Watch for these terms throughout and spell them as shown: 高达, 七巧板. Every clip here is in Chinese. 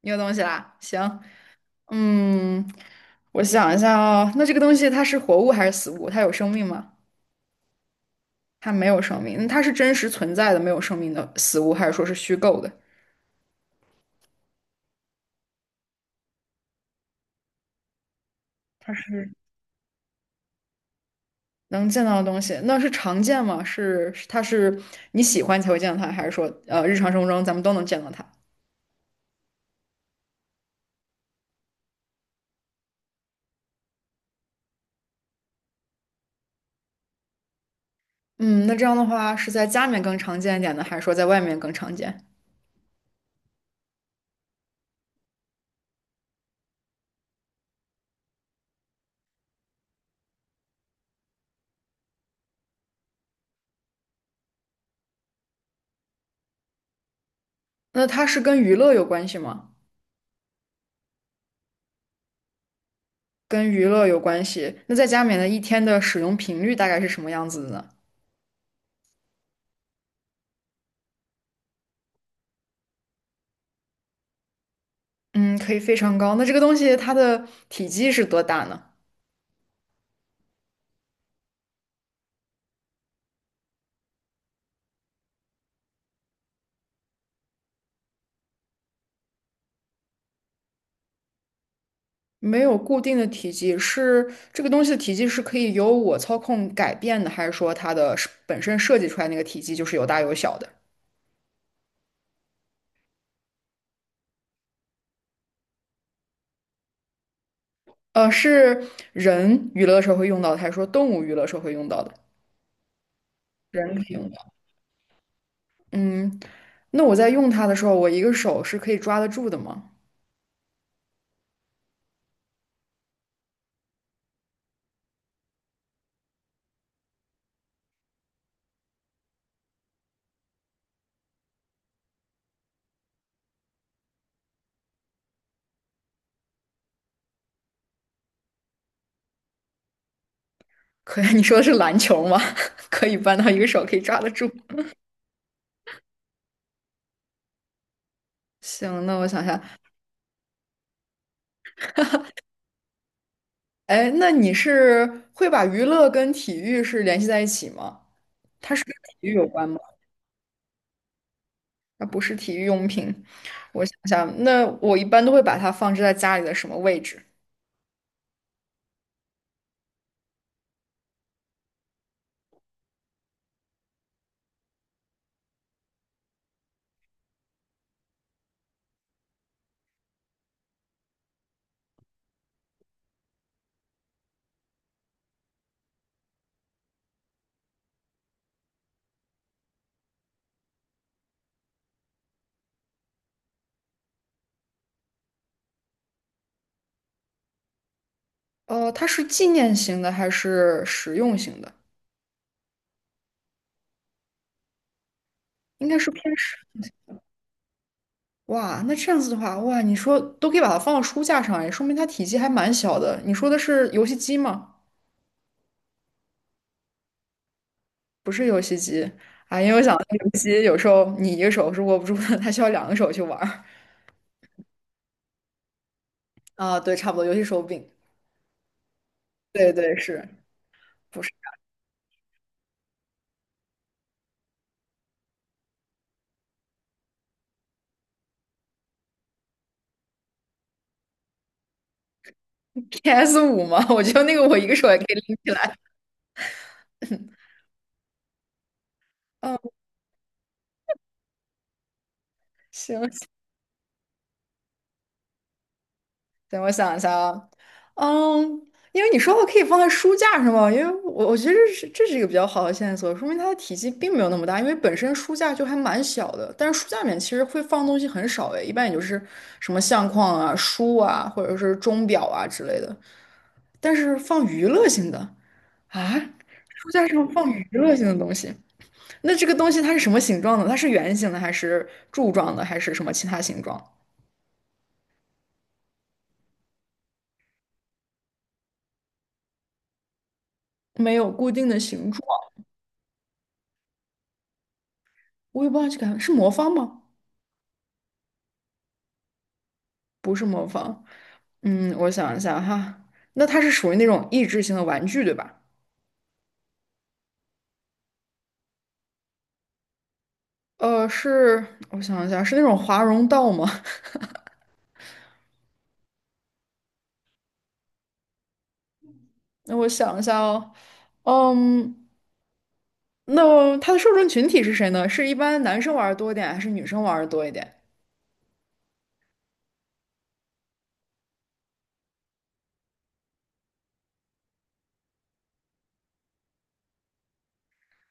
你有东西啦，行，嗯，我想一下哦，那这个东西它是活物还是死物？它有生命吗？它没有生命，那它是真实存在的没有生命的死物，还是说是虚构的？它是能见到的东西，那是常见吗？是它是你喜欢才会见到它，还是说日常生活中咱们都能见到它？嗯，那这样的话是在家里面更常见一点呢，还是说在外面更常见？那它是跟娱乐有关系吗？跟娱乐有关系。那在家里面的一天的使用频率大概是什么样子的呢？嗯，可以非常高。那这个东西它的体积是多大呢？没有固定的体积，是这个东西的体积是可以由我操控改变的，还是说它的是本身设计出来那个体积就是有大有小的？是人娱乐的时候会用到的，还是说动物娱乐时候会用到的？人可以用到。嗯，那我在用它的时候，我一个手是可以抓得住的吗？可以，你说的是篮球吗？可以搬到一个手可以抓得住。行，那我想一下，哎，那你是会把娱乐跟体育是联系在一起吗？它是跟体育有关吗？它不是体育用品。我想想，那我一般都会把它放置在家里的什么位置？呃，它是纪念型的还是实用型的？应该是偏实用型。哇，那这样子的话，哇，你说都可以把它放到书架上，哎，说明它体积还蛮小的。你说的是游戏机吗？不是游戏机啊，因为我想到游戏机有时候你一个手是握不住的，它需要两个手去玩儿。啊，对，差不多，游戏手柄。对对是，不是 PS5 五吗？我觉得那个我一个手也可以拎起来。嗯，行行，我想一下啊，嗯，因为你说我可以放在书架上嘛，因为我觉得这是一个比较好的线索，说明它的体积并没有那么大，因为本身书架就还蛮小的，但是书架里面其实会放东西很少诶，一般也就是什么相框啊、书啊，或者是钟表啊之类的，但是放娱乐性的啊，书架上放娱乐性的东西。那这个东西它是什么形状的？它是圆形的，还是柱状的，还是什么其他形状？没有固定的形状，我也不知道这个是魔方吗？不是魔方。嗯，我想一下哈，那它是属于那种益智型的玩具，对吧？是，我想一下，是那种华容道吗？那我想一下哦，嗯，那它的受众群体是谁呢？是一般男生玩儿多一点，还是女生玩儿多一点？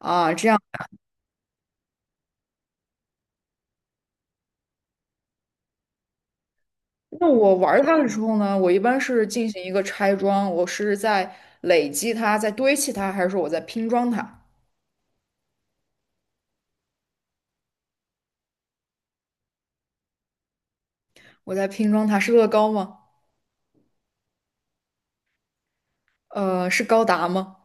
啊那我玩它的时候呢，我一般是进行一个拆装，我是在累积它，在堆砌它，还是说我在拼装它？我在拼装它是乐高吗？是高达吗？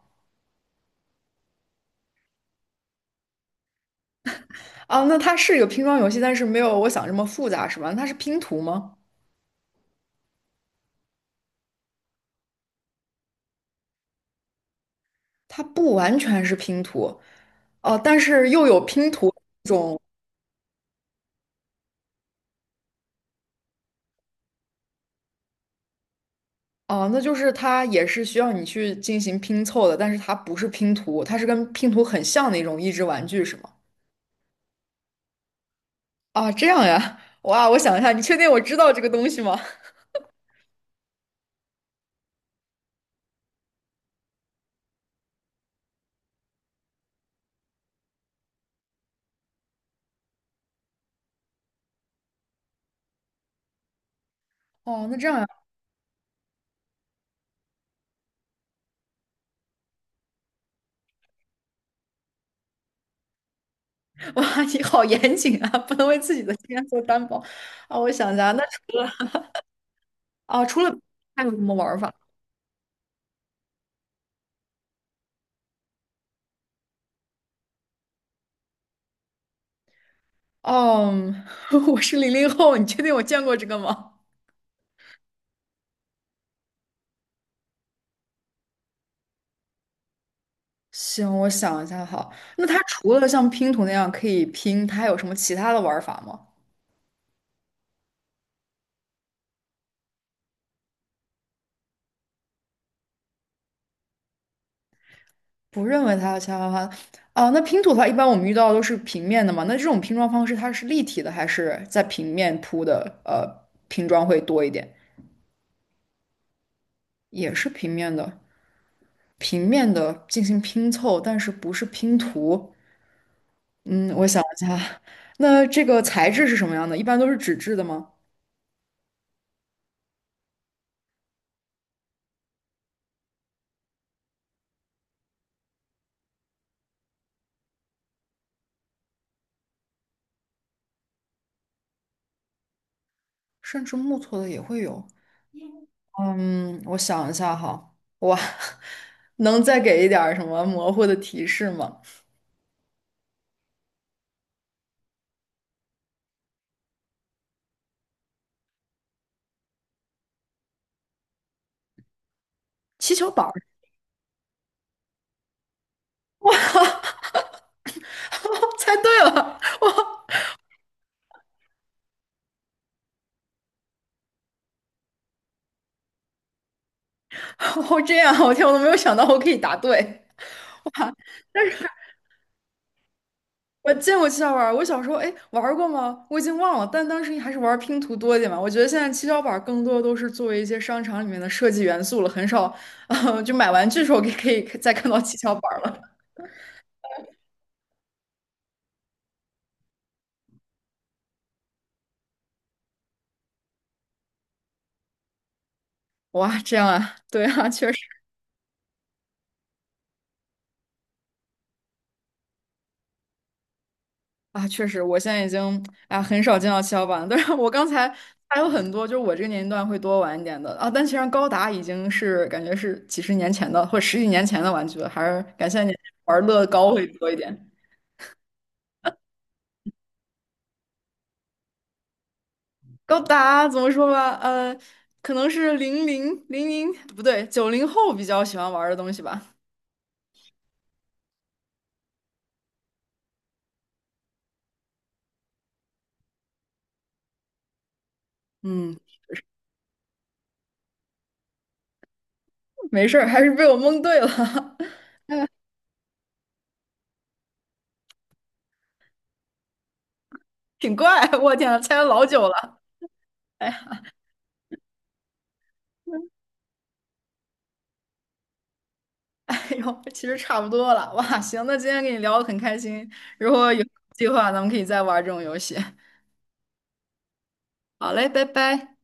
啊，那它是一个拼装游戏，但是没有我想这么复杂，是吧？那它是拼图吗？它不完全是拼图，哦、但是又有拼图这种，哦、那就是它也是需要你去进行拼凑的，但是它不是拼图，它是跟拼图很像的一种益智玩具，是吗？啊，这样呀，哇，我想一下，你确定我知道这个东西吗？哦，那这样呀，哇，你好严谨啊，不能为自己的经验做担保啊。我想一下，那啊，除了还有什么玩儿法？哦，我是零零后，你确定我见过这个吗？行，我想一下哈。那它除了像拼图那样可以拼，它还有什么其他的玩儿法吗？不认为它有其他玩儿法啊。那拼图的话，一般我们遇到的都是平面的嘛。那这种拼装方式，它是立体的还是在平面铺的？拼装会多一点。也是平面的，平面的进行拼凑，但是不是拼图。嗯，我想一下，那这个材质是什么样的？一般都是纸质的吗？甚至木头的也会有。嗯，我想一下哈，哇，能再给一点儿什么模糊的提示吗？气球板儿，猜对了。哦，这样，我天，我都没有想到我可以答对。哇，但是我见过七巧板儿我小时候哎玩儿过吗？我已经忘了，但当时还是玩儿拼图多一点嘛。我觉得现在七巧板儿更多都是作为一些商场里面的设计元素了，很少，啊，就买玩具的时候可以再看到七巧板儿了。哇，这样啊，对啊，确实啊，确实，我现在已经啊很少见到七巧板了，但是我刚才还有很多，就是我这个年龄段会多玩一点的啊，但其实高达已经是感觉是几十年前的或者十几年前的玩具了，还是感谢你玩乐高会多一点。高达怎么说吧，可能是零零零零不对，九零后比较喜欢玩儿的东西吧。嗯，没事儿，还是被我蒙对了，挺怪。我天啊，猜了老久了。哎呀，哎呦，其实差不多了。哇，行，那今天跟你聊得很开心，如果有计划，咱们可以再玩这种游戏。好嘞，拜拜。